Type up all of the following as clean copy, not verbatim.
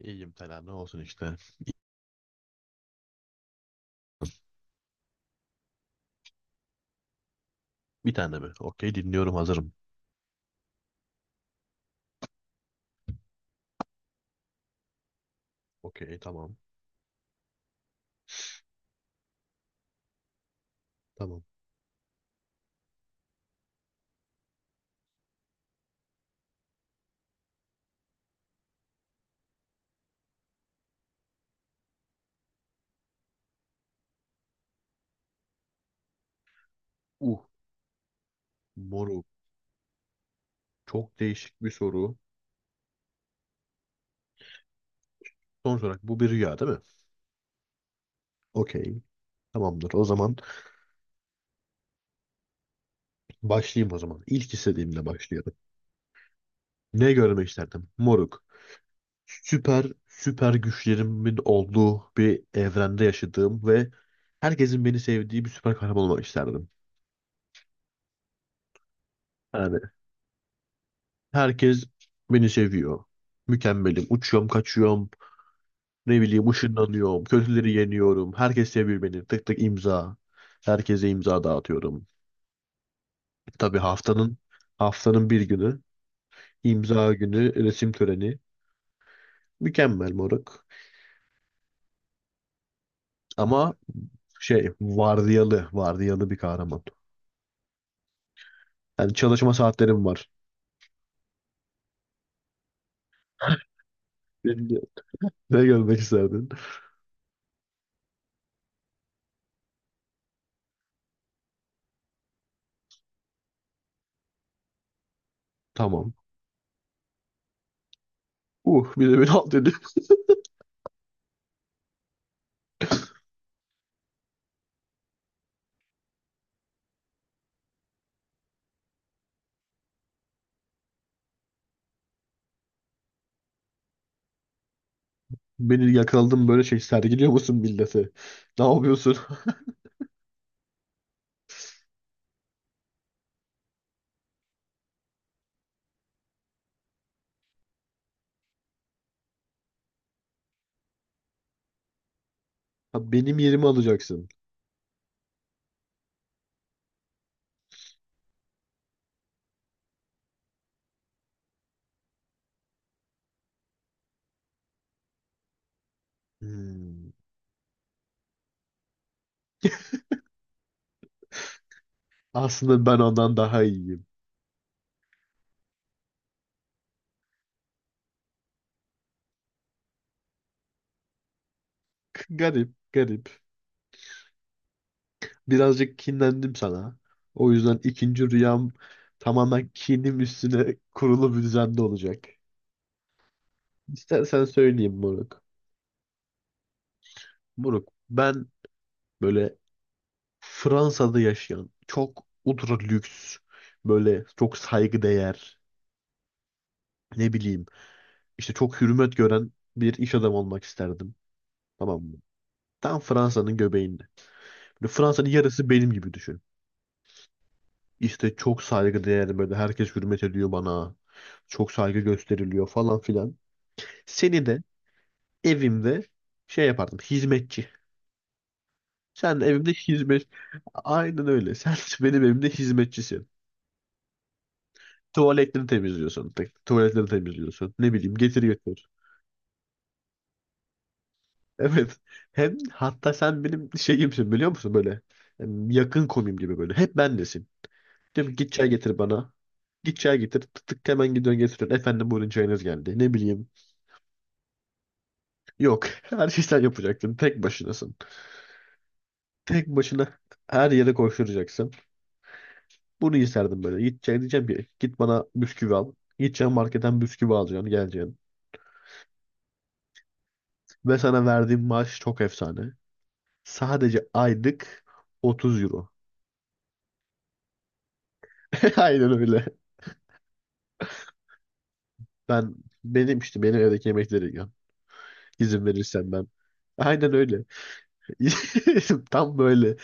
İyiyim Tela ne olsun işte. Bir tane mi? Okey dinliyorum hazırım. Okey tamam. Tamam. Uh moru Çok değişik bir soru. Sonuç olarak bu bir rüya değil mi? Okey. Tamamdır. O zaman başlayayım o zaman. İlk istediğimle başlıyorum. Ne görmek isterdim? Moruk. Süper süper güçlerimin olduğu bir evrende yaşadığım ve herkesin beni sevdiği bir süper kahraman olmak isterdim. Yani herkes beni seviyor. Mükemmelim. Uçuyorum, kaçıyorum. Ne bileyim ışınlanıyorum. Kötüleri yeniyorum. Herkes seviyor beni. Tık tık imza. Herkese imza dağıtıyorum. Tabii haftanın bir günü imza günü resim töreni. Mükemmel moruk. Ama şey vardiyalı vardiyalı bir kahraman. Yani çalışma saatlerim var. Beni de- Ne görmek isterdin? Tamam. Bir de beni al dedi. Beni yakaladım böyle şey sergiliyor musun millete? Ne yapıyorsun? Ha, benim yerimi alacaksın. Hmm. Aslında ben ondan daha iyiyim. Garip, garip. Birazcık kinlendim sana. O yüzden ikinci rüyam tamamen kinim üstüne kurulu bir düzende olacak. İstersen söyleyeyim Moruk. Moruk, ben böyle Fransa'da yaşayan çok ultra lüks, böyle çok saygıdeğer, ne bileyim, işte çok hürmet gören bir iş adamı olmak isterdim. Tamam mı? Tam Fransa'nın göbeğinde. Böyle Fransa'nın yarısı benim gibi düşün. İşte çok saygıdeğer böyle herkes hürmet ediyor bana. Çok saygı gösteriliyor falan filan. Seni de evimde şey yapardım hizmetçi. Sen de evimde hizmet. Aynen öyle. Sen benim evimde hizmetçisin. Tuvaletleri temizliyorsun. Tuvaletleri temizliyorsun. Ne bileyim getir götür. Evet. Hem hatta sen benim şeyimsin biliyor musun böyle. Yakın komim gibi böyle. Hep bendesin. Diyorum ki, git çay getir bana. Git çay getir. Tık tık hemen gidiyorsun getiriyorsun. Efendim buyurun çayınız geldi. Ne bileyim. Yok. Her şeyi sen yapacaktın. Tek başınasın. Tek başına her yere koşturacaksın. Bunu isterdim böyle. Gideceğim diyeceğim ki git bana bisküvi al. Gideceğim marketten bisküvi alacaksın. Geleceksin. Ve sana verdiğim maaş çok efsane. Sadece aylık 30 euro. Aynen öyle. Ben Benim işte benim evdeki yemekleri yiyorum. İzin verirsen ben. Aynen öyle. Tam böyle.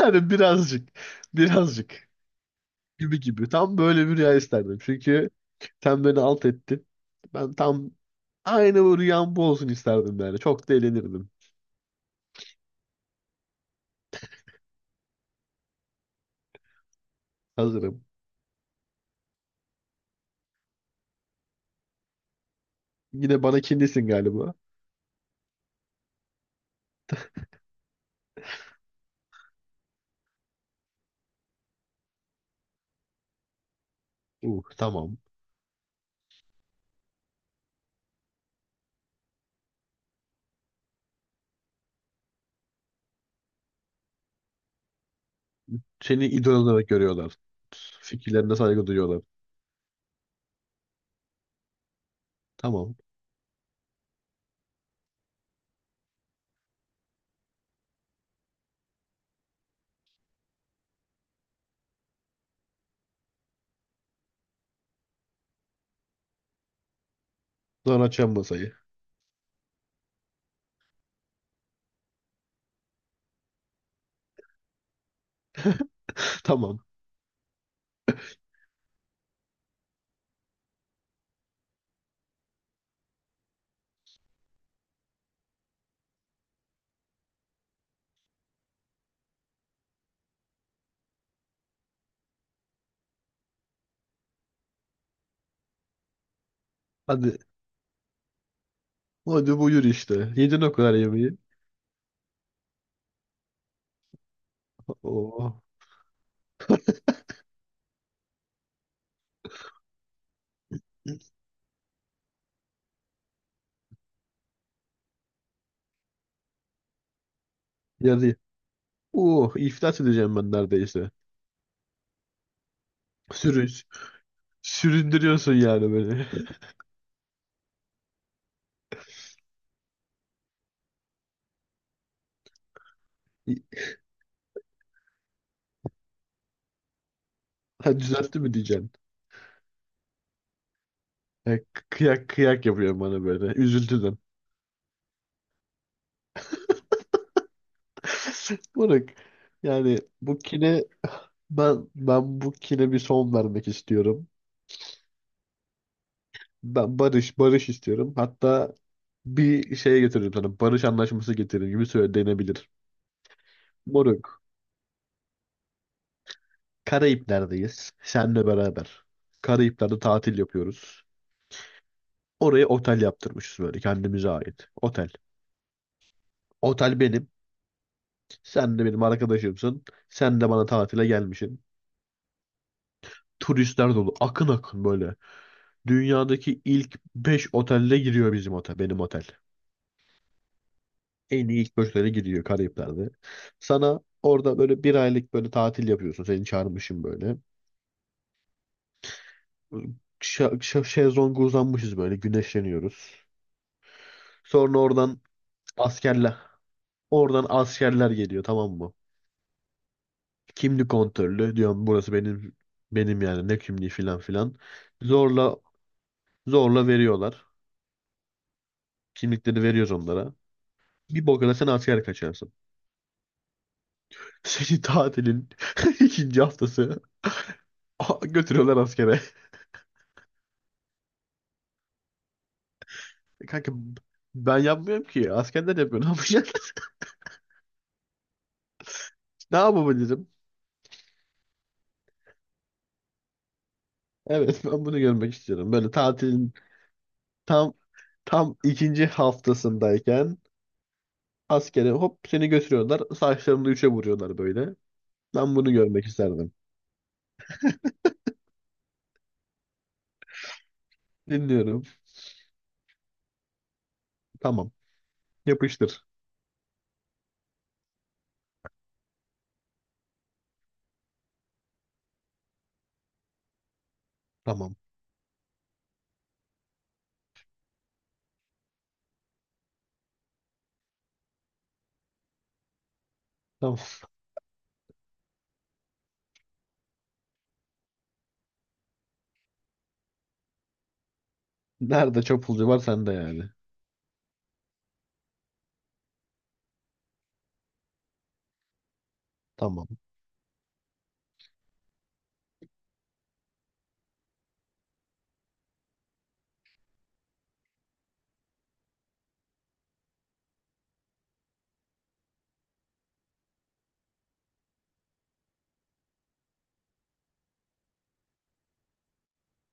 Yani birazcık. Birazcık. Gibi gibi. Tam böyle bir rüya isterdim. Çünkü sen beni alt ettin. Ben tam aynı bu rüyam bu olsun isterdim yani. Çok da eğlenirdim. Hazırım. Yine bana kinlisin galiba. Tamam. Seni idol olarak görüyorlar. Fikirlerine saygı duyuyorlar. Tamam. Sonra açacağım masayı. Tamam. Hadi. Hadi buyur işte. Yedin o kadar yemeği. Oh. Yarı. Oh, iflas edeceğim ben neredeyse. Sürün, Süründürüyorsun yani beni. Ha, düzeltti mi diyeceksin? Ha, kıyak kıyak yapıyor bana böyle. Üzüldüm. Moruk, yani bu kine ben bu kine bir son vermek istiyorum. Ben barış barış istiyorum. Hatta bir şeye getiririm sana. Barış anlaşması getiririm gibi söyle denebilir. Moruk Karayipler'deyiz. Senle beraber. Karayipler'de tatil yapıyoruz. Oraya otel yaptırmışız böyle kendimize ait. Otel. Otel benim. Sen de benim arkadaşımsın. Sen de bana tatile gelmişsin. Turistler dolu. Akın akın böyle. Dünyadaki ilk 5 otelde giriyor bizim otel, benim otel. En iyi ilk 5 otele giriyor Karayipler'de. Sana orada böyle bir aylık böyle tatil yapıyorsun. Seni çağırmışım böyle. Şezlonga uzanmışız böyle güneşleniyoruz. Sonra askerler, oradan askerler geliyor tamam mı? Kimlik kontrolü diyorum burası benim yani ne kimliği filan filan. Zorla zorla veriyorlar. Kimlikleri veriyoruz onlara. Bir bok sen asker kaçarsın. Seni tatilin ikinci haftası götürüyorlar askere. Kanka ben yapmıyorum ki. Askerler yapıyor. Ne yapacak? Ne yapabilirim? Evet ben bunu görmek istiyorum. Böyle tatilin tam tam ikinci haftasındayken askere hop seni götürüyorlar. Saçlarını üçe vuruyorlar böyle. Ben bunu görmek isterdim. Dinliyorum. Tamam. Yapıştır. Tamam. Tamam. Nerede çapulcu var sende yani. Tamam.